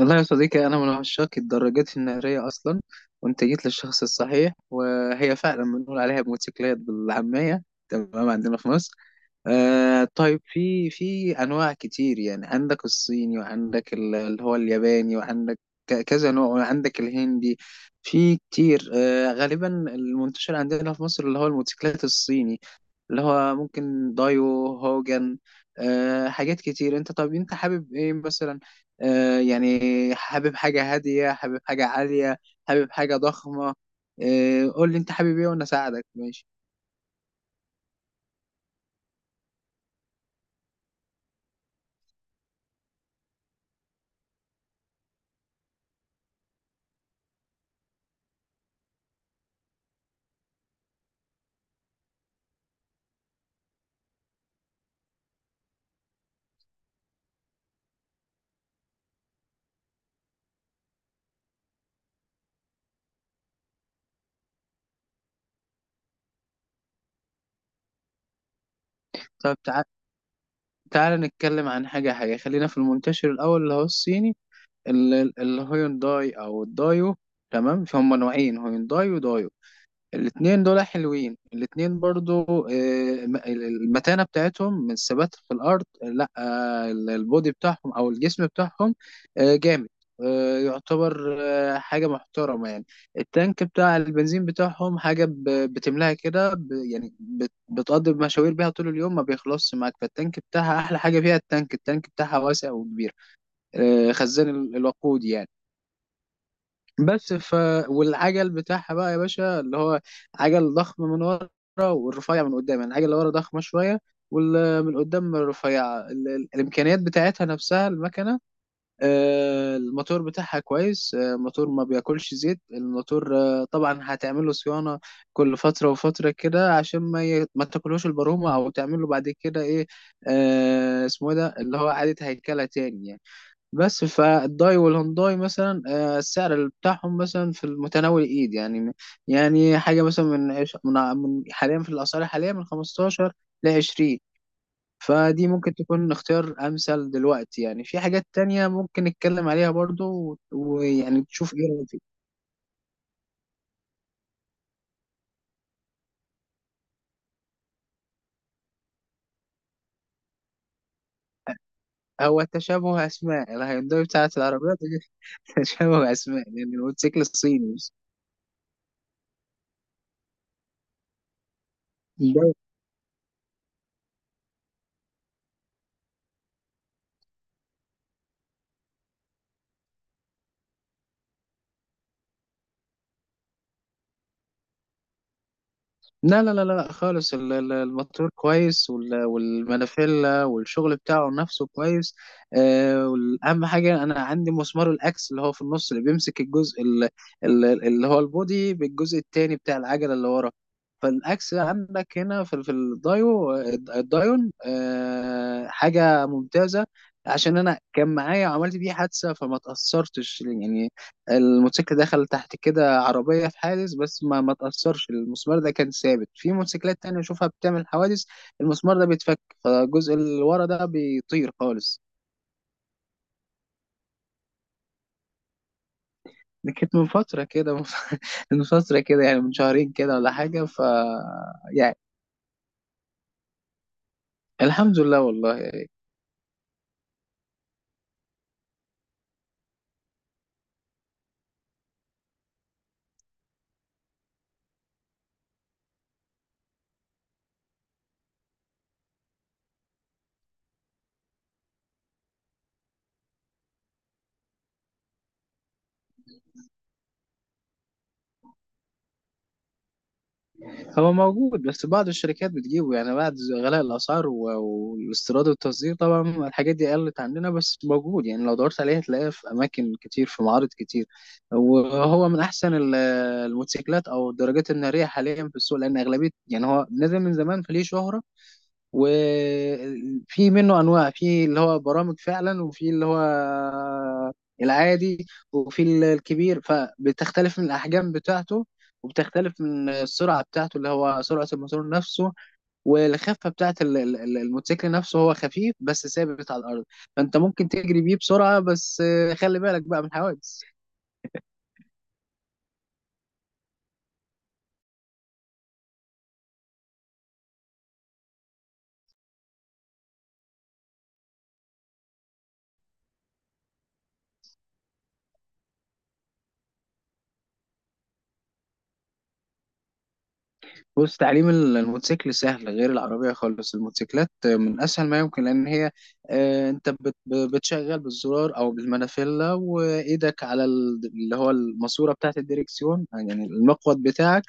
والله يا صديقي، أنا من عشاق الدراجات النارية أصلا، وأنت جيت للشخص الصحيح. وهي فعلا بنقول عليها موتوسيكلات بالعامية تمام عندنا في مصر. آه طيب، في أنواع كتير. يعني عندك الصيني، وعندك ال- اللي هو الياباني، وعندك كذا نوع، وعندك الهندي في كتير. آه، غالبا المنتشر عندنا في مصر اللي هو الموتوسيكلات الصيني، اللي هو ممكن دايو هوجن. أه، حاجات كتير. طب انت حابب ايه مثلا؟ أه يعني حابب حاجة هادية، حابب حاجة عالية، حابب حاجة ضخمة؟ قول لي انت حابب ايه وانا اساعدك. ماشي. طب تع... تعال نتكلم عن حاجة. خلينا في المنتشر الأول اللي هو الصيني، الهيونداي أو الدايو. تمام، في هما نوعين، هيونداي ودايو. الاتنين دول حلوين الاتنين برضو. آه، المتانة بتاعتهم من الثبات في الأرض، آه، لا آه، البودي بتاعهم أو الجسم بتاعهم جامد، يعتبر حاجة محترمة يعني. التانك بتاع البنزين بتاعهم حاجة بتملاها كده، بتقضي مشاوير بيها طول اليوم ما بيخلصش معاك. فالتانك بتاعها أحلى حاجة فيها. التانك بتاعها واسع وكبير، خزان الوقود يعني. بس ف والعجل بتاعها بقى يا باشا، اللي هو عجل ضخم من ورا والرفيع من قدام. يعني العجل اللي ورا ضخمه شويه والمن قدام رفيعه. الامكانيات بتاعتها نفسها، المكنه، الموتور بتاعها كويس. الموتور ما بياكلش زيت الموتور. طبعا هتعمل له صيانه كل فتره وفتره كده، عشان ما تاكلهوش البرومه، او تعمل له بعد كده ايه، اسمه إيه ده، اللي هو اعاده هيكله تاني يعني. بس فالداي والهونداي مثلا، السعر بتاعهم مثلا في المتناول الايد يعني. يعني حاجه مثلا من عش- من ع- من حاليا، في الاسعار حاليا، من 15 ل 20. فدي ممكن تكون اختيار امثل دلوقتي يعني. في حاجات تانية ممكن نتكلم عليها برضو ويعني تشوف ايه رأيك فيها. هو تشابه اسماء، الهيونداي بتاعت العربيات دي. تشابه اسماء، لان يعني الموتوسيكل الصيني بس. لا لا لا لا خالص، الموتور كويس، والمانيفيلا والشغل بتاعه نفسه كويس. والأهم حاجة أنا عندي مسمار الأكس، اللي هو في النص، اللي بيمسك الجزء اللي هو البودي بالجزء التاني بتاع العجلة اللي ورا. فالأكس عندك هنا في الدايو، الدايون، حاجة ممتازة. عشان أنا كان معايا وعملت بيه حادثة فما تأثرتش يعني. الموتوسيكل دخل تحت كده عربية في حادث، بس ما تأثرش. المسمار ده كان ثابت. في موتوسيكلات تانية أشوفها بتعمل حوادث، المسمار ده بيتفك فالجزء اللي ورا ده بيطير خالص. دي كانت من فترة كده. من فترة كده، يعني من شهرين كده ولا حاجة. يعني الحمد لله والله. هو موجود، بس بعض الشركات بتجيبه يعني بعد غلاء الأسعار والاستيراد والتصدير. طبعا الحاجات دي قلت عندنا، بس موجود. يعني لو دورت عليه هتلاقيه في أماكن كتير، في معارض كتير. وهو من أحسن الموتوسيكلات أو الدراجات النارية حاليا في السوق، لأن أغلبية يعني هو نزل من زمان فليه شهرة. وفي منه انواع، في اللي هو برامج فعلا، وفي اللي هو العادي، وفي الكبير. فبتختلف من الاحجام بتاعته وبتختلف من السرعه بتاعته، اللي هو سرعه الموتور نفسه، والخفه بتاعت الموتوسيكل نفسه. هو خفيف بس ثابت على الارض، فانت ممكن تجري بيه بسرعه، بس خلي بالك بقى من الحوادث. بص، تعليم الموتوسيكل سهل، غير العربية خالص. الموتوسيكلات من أسهل ما يمكن، لأن هي أنت بتشغل بالزرار أو بالمانيفيلا، وإيدك على ال- اللي هو الماسورة بتاعة الديركسيون، يعني المقود بتاعك.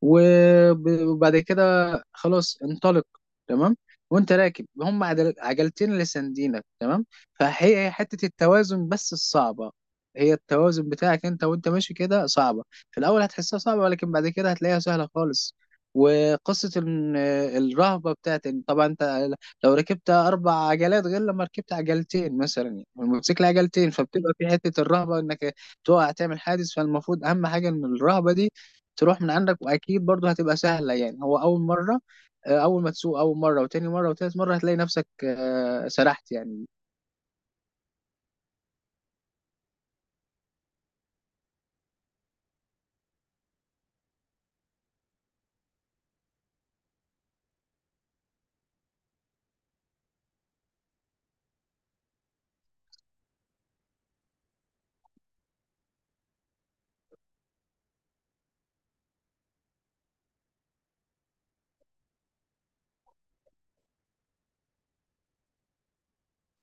وبعد كده خلاص انطلق. تمام، وأنت راكب هم عجلتين اللي ساندينك تمام. فهي حتة التوازن بس الصعبة، هي التوازن بتاعك أنت وأنت ماشي كده صعبة. في الأول هتحسها صعبة، ولكن بعد كده هتلاقيها سهلة خالص. وقصة إن الرهبة بتاعت إن طبعا أنت لو ركبت أربع عجلات غير لما ركبت عجلتين مثلا، يعني والموتوسيكل عجلتين، فبتبقى في حتة الرهبة إنك تقع تعمل حادث. فالمفروض أهم حاجة إن الرهبة دي تروح من عندك، وأكيد برضه هتبقى سهلة يعني. هو أول مرة، أول ما تسوق أول مرة وتاني مرة وتالت مرة هتلاقي نفسك سرحت يعني.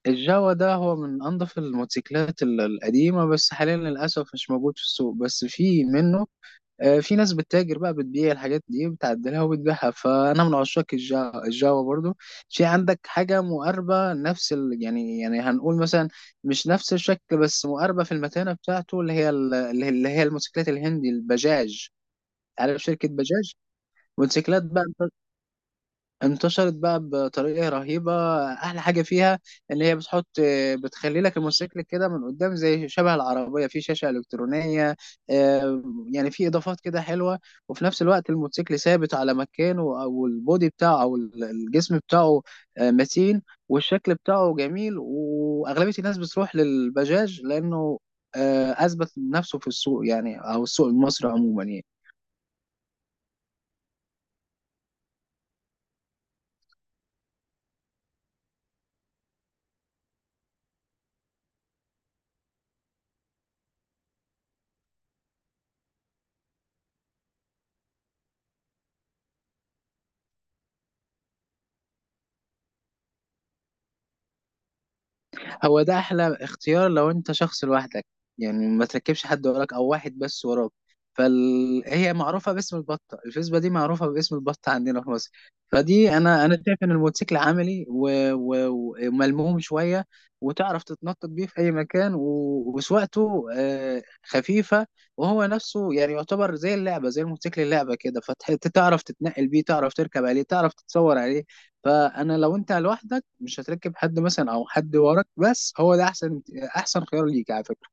الجاوا ده هو من أنظف الموتوسيكلات القديمة، بس حاليا للأسف مش موجود في السوق، بس في منه. في ناس بتتاجر بقى، بتبيع الحاجات دي، بتعدلها وبتبيعها. فانا من عشاق الجافا برضو. في عندك حاجه مقاربه نفس يعني، هنقول مثلا مش نفس الشكل، بس مقاربه في المتانه بتاعته، اللي هي الموتوسيكلات الهندي، البجاج. عارف شركه بجاج؟ موتوسيكلات بقى انتشرت بقى بطريقة رهيبة. أحلى حاجة فيها إن هي بتحط، بتخلي لك الموتوسيكل كده من قدام زي شبه العربية في شاشة إلكترونية. آه، يعني في إضافات كده حلوة، وفي نفس الوقت الموتوسيكل ثابت على مكانه، أو البودي بتاعه أو الجسم بتاعه متين، والشكل بتاعه جميل. وأغلبية الناس بتروح للبجاج لأنه أثبت نفسه في السوق يعني، أو السوق المصري عموما يعني. هو ده احلى اختيار لو انت شخص لوحدك، يعني ما تركبش حد وراك، او واحد بس وراك. فهي معروفه باسم البطه، الفيسبا دي معروفه باسم البطه عندنا في مصر. فدي، انا شايف ان الموتوسيكل عملي وملموم شويه، وتعرف تتنطط بيه في اي مكان، وسواقته خفيفه. وهو نفسه يعني يعتبر زي اللعبه، زي الموتوسيكل اللعبه كده. فتعرف تتنقل بيه، تعرف تركب عليه، تعرف تتصور عليه. فانا لو انت لوحدك مش هتركب حد، مثلا او حد وراك بس، هو ده احسن، احسن خيار ليك على فكرة.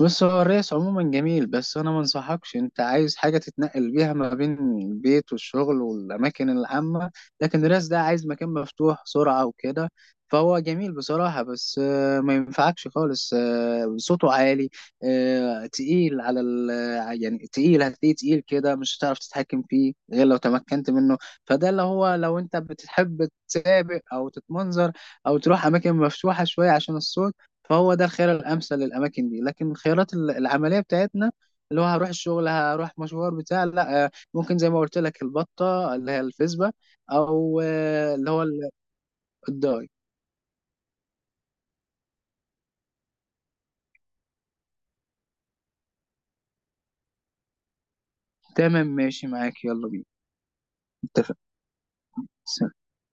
بص، هو الريس عموما جميل، بس انا ما انصحكش. انت عايز حاجه تتنقل بيها ما بين البيت والشغل والاماكن العامه، لكن الريس ده عايز مكان مفتوح، سرعه وكده. فهو جميل بصراحه، بس ما ينفعكش خالص. صوته عالي، آه، تقيل على ال يعني تقيل، هتلاقيه تقيل كده، مش هتعرف تتحكم فيه غير لو تمكنت منه. فده اللي هو لو انت بتحب تسابق او تتمنظر، او تروح اماكن مفتوحه شويه عشان الصوت، فهو ده الخيار الامثل للاماكن دي. لكن الخيارات العمليه بتاعتنا، اللي هو هروح الشغل، هروح مشوار بتاع، لا ممكن زي ما قلت لك البطه اللي هي الفيسبا، او الضاي. تمام، ماشي معاك، يلا بينا. اتفق.